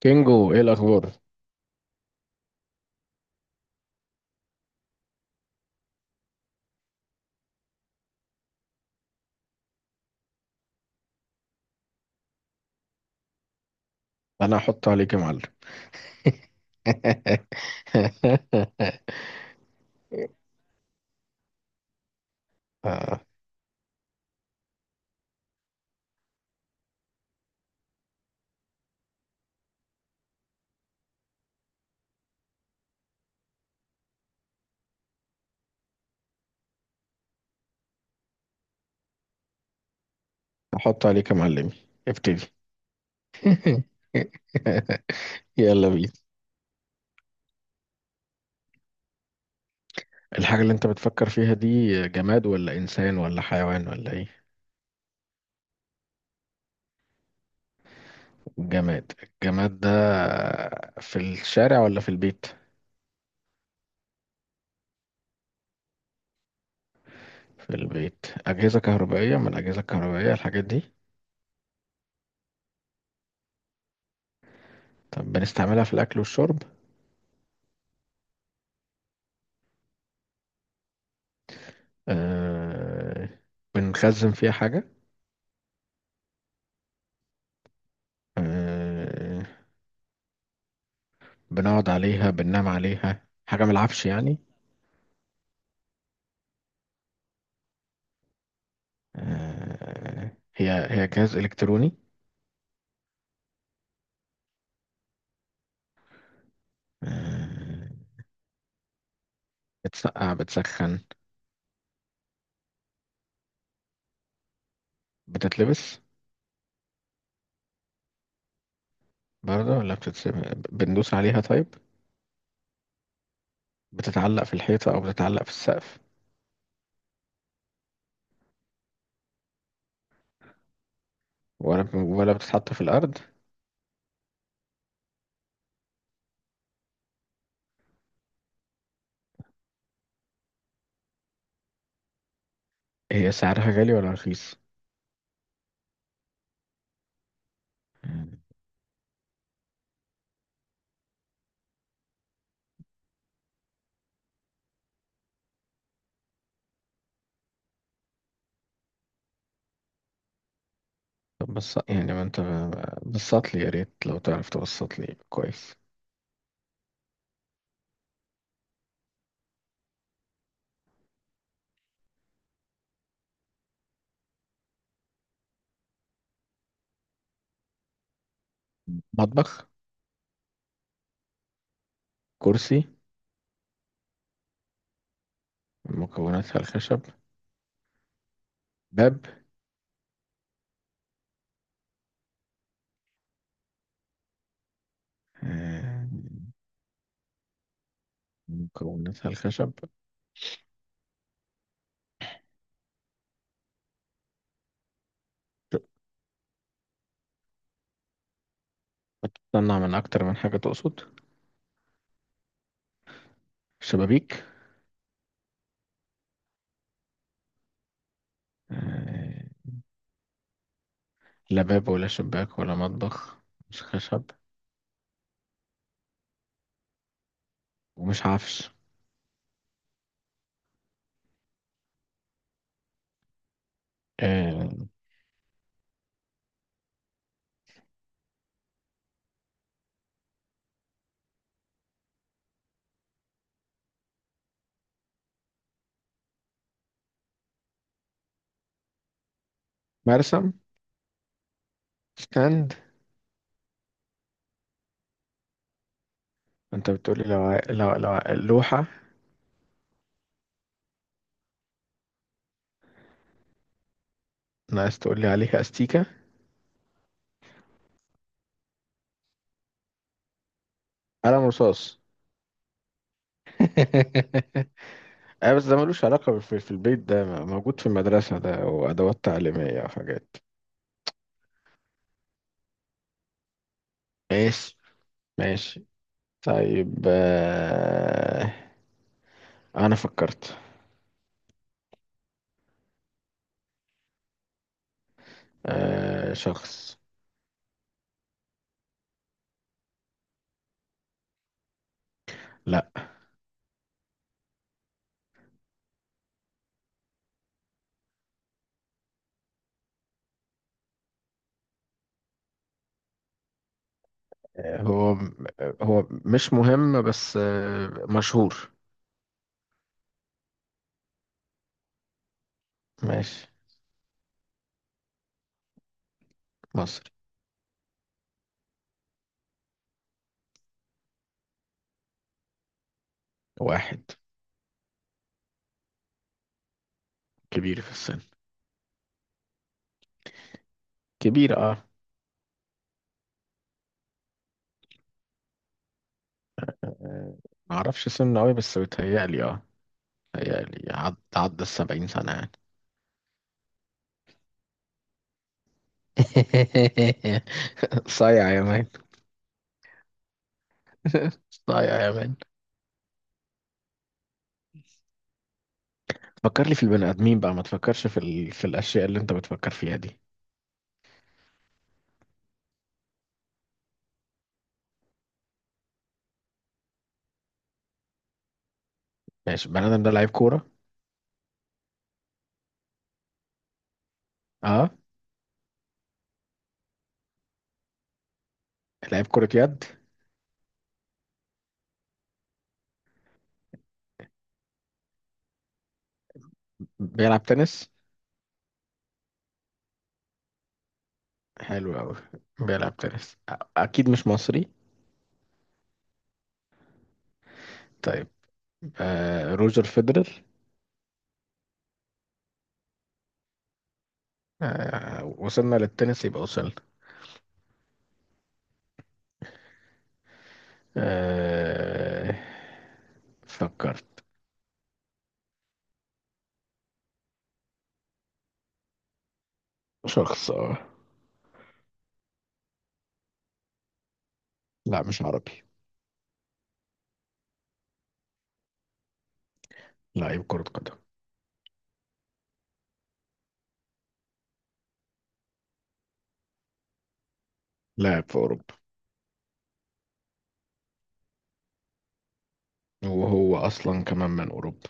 كينجو، ايه الاخبار؟ انا هحط عليك يا معلم. آه، هحط عليك يا معلمي. ابتدي. يلا بينا. الحاجة اللي انت بتفكر فيها دي جماد ولا انسان ولا حيوان ولا ايه؟ جماد. الجماد ده في الشارع ولا في البيت؟ في البيت اجهزة كهربائية، من الاجهزة الكهربائية الحاجات دي؟ طب بنستعملها في الاكل والشرب؟ أه... بنخزن فيها حاجة؟ أه... بنقعد عليها، بننام عليها، حاجة من العفش يعني؟ هي هي جهاز إلكتروني؟ آه، بتسقع، بتسخن؟ بتتلبس برضه ولا بتتسيب؟ بندوس عليها طيب؟ بتتعلق في الحيطة أو بتتعلق في السقف؟ ولا بتتحط في الأرض؟ هي سعرها غالي ولا رخيص؟ مم. طب بس يعني ما أنت بسط لي، يا ريت لو تعرف تبسط لي كويس. مطبخ؟ كرسي؟ مكوناتها الخشب؟ باب؟ آه، مكوناتها الخشب. بتطلع من أكتر من حاجة تقصد؟ شبابيك؟ آه، لا باب ولا شباك ولا مطبخ. مش خشب. ومش عفش. آه، مرسم؟ ستاند؟ أنت بتقولي، لو ع- لو لو لوحة؟ ناقص تقولي عليها أستيكة. قلم رصاص. بس ده ملوش علاقة في البيت، ده موجود في المدرسة، ده وأدوات تعليمية وحاجات. ماشي. ماشي. طيب. أنا فكرت. شخص. لا، هو هو مش مهم بس مشهور. ماشي. مصري. واحد. كبير في السن. كبير، اه. آه، معرفش سنه قوي بس بيتهيألي اه، بيتهيألي عدى السبعين سنة يعني. صايع يا مان. صايع يا مان. فكر لي في البني آدمين بقى، ما تفكرش في الأشياء اللي أنت بتفكر فيها دي. ماشي. البني آدم ده لعيب كورة. اه. لعيب كرة يد؟ بيلعب تنس؟ حلو أوي. بيلعب تنس، أكيد مش مصري. طيب. روجر فيدرر. وصلنا للتنس يبقى وصلنا. آه فكرت. شخص، اه. لا، مش عربي. لاعب كرة قدم. لاعب في أوروبا. وهو أصلا كمان من أوروبا.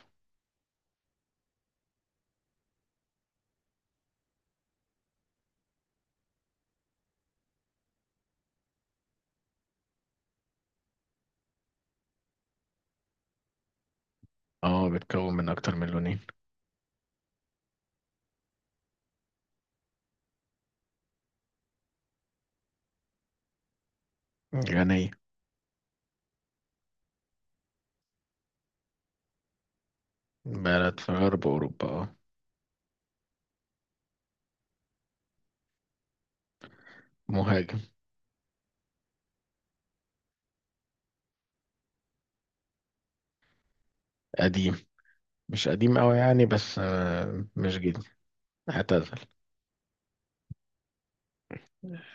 اه، بيتكون من أكتر من لونين. غنية. بلد في غرب أوروبا، اه. مهاجم. قديم. مش قديم أوي يعني بس مش جديد. اعتزل.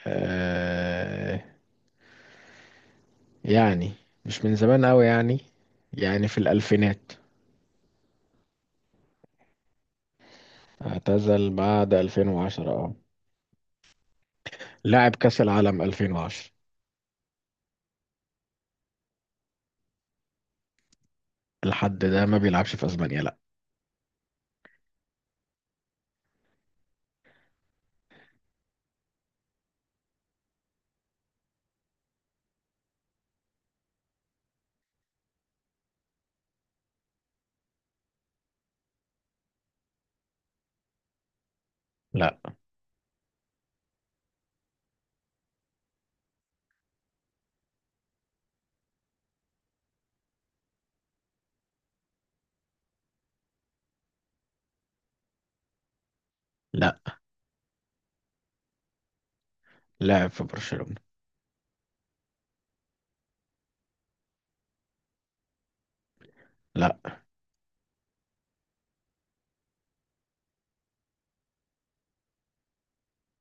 آه يعني مش من زمان أوي يعني. يعني في الألفينات. اعتزل بعد 2010، اه. لعب كأس العالم 2010. لحد ده ما بيلعبش في اسبانيا، لا. لا، لا. لعب في برشلونة. لا.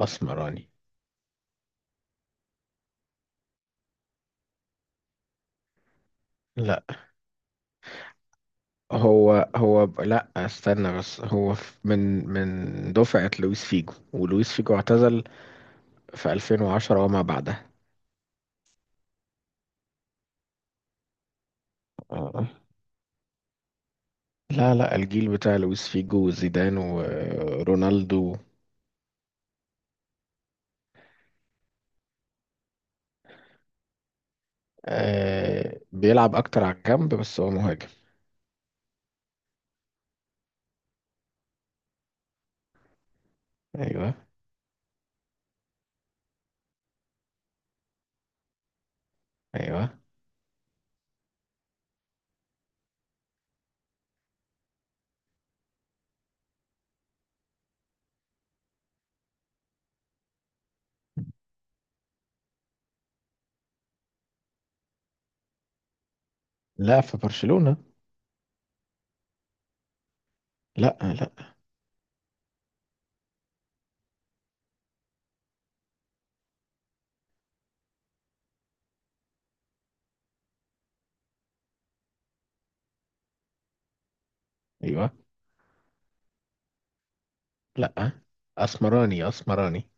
اسمراني. لا، هو هو لا استنى بس، هو من دفعة لويس فيجو، ولويس فيجو اعتزل في 2010 وما بعدها. آه. لا، لا، الجيل بتاع لويس فيجو وزيدان ورونالدو. بيلعب اكتر على الجنب بس هو مهاجم. ايوه. ايوه. لا، في برشلونة. لا. لا. ايوه. لا. اسمراني، اسمراني.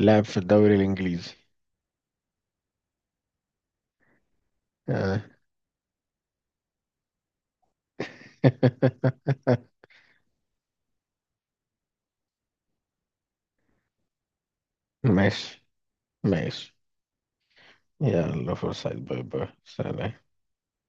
لاعب في الدوري الانجليزي. آه. ماشي، ماشي. يلا فرصة، باي باي، سلام.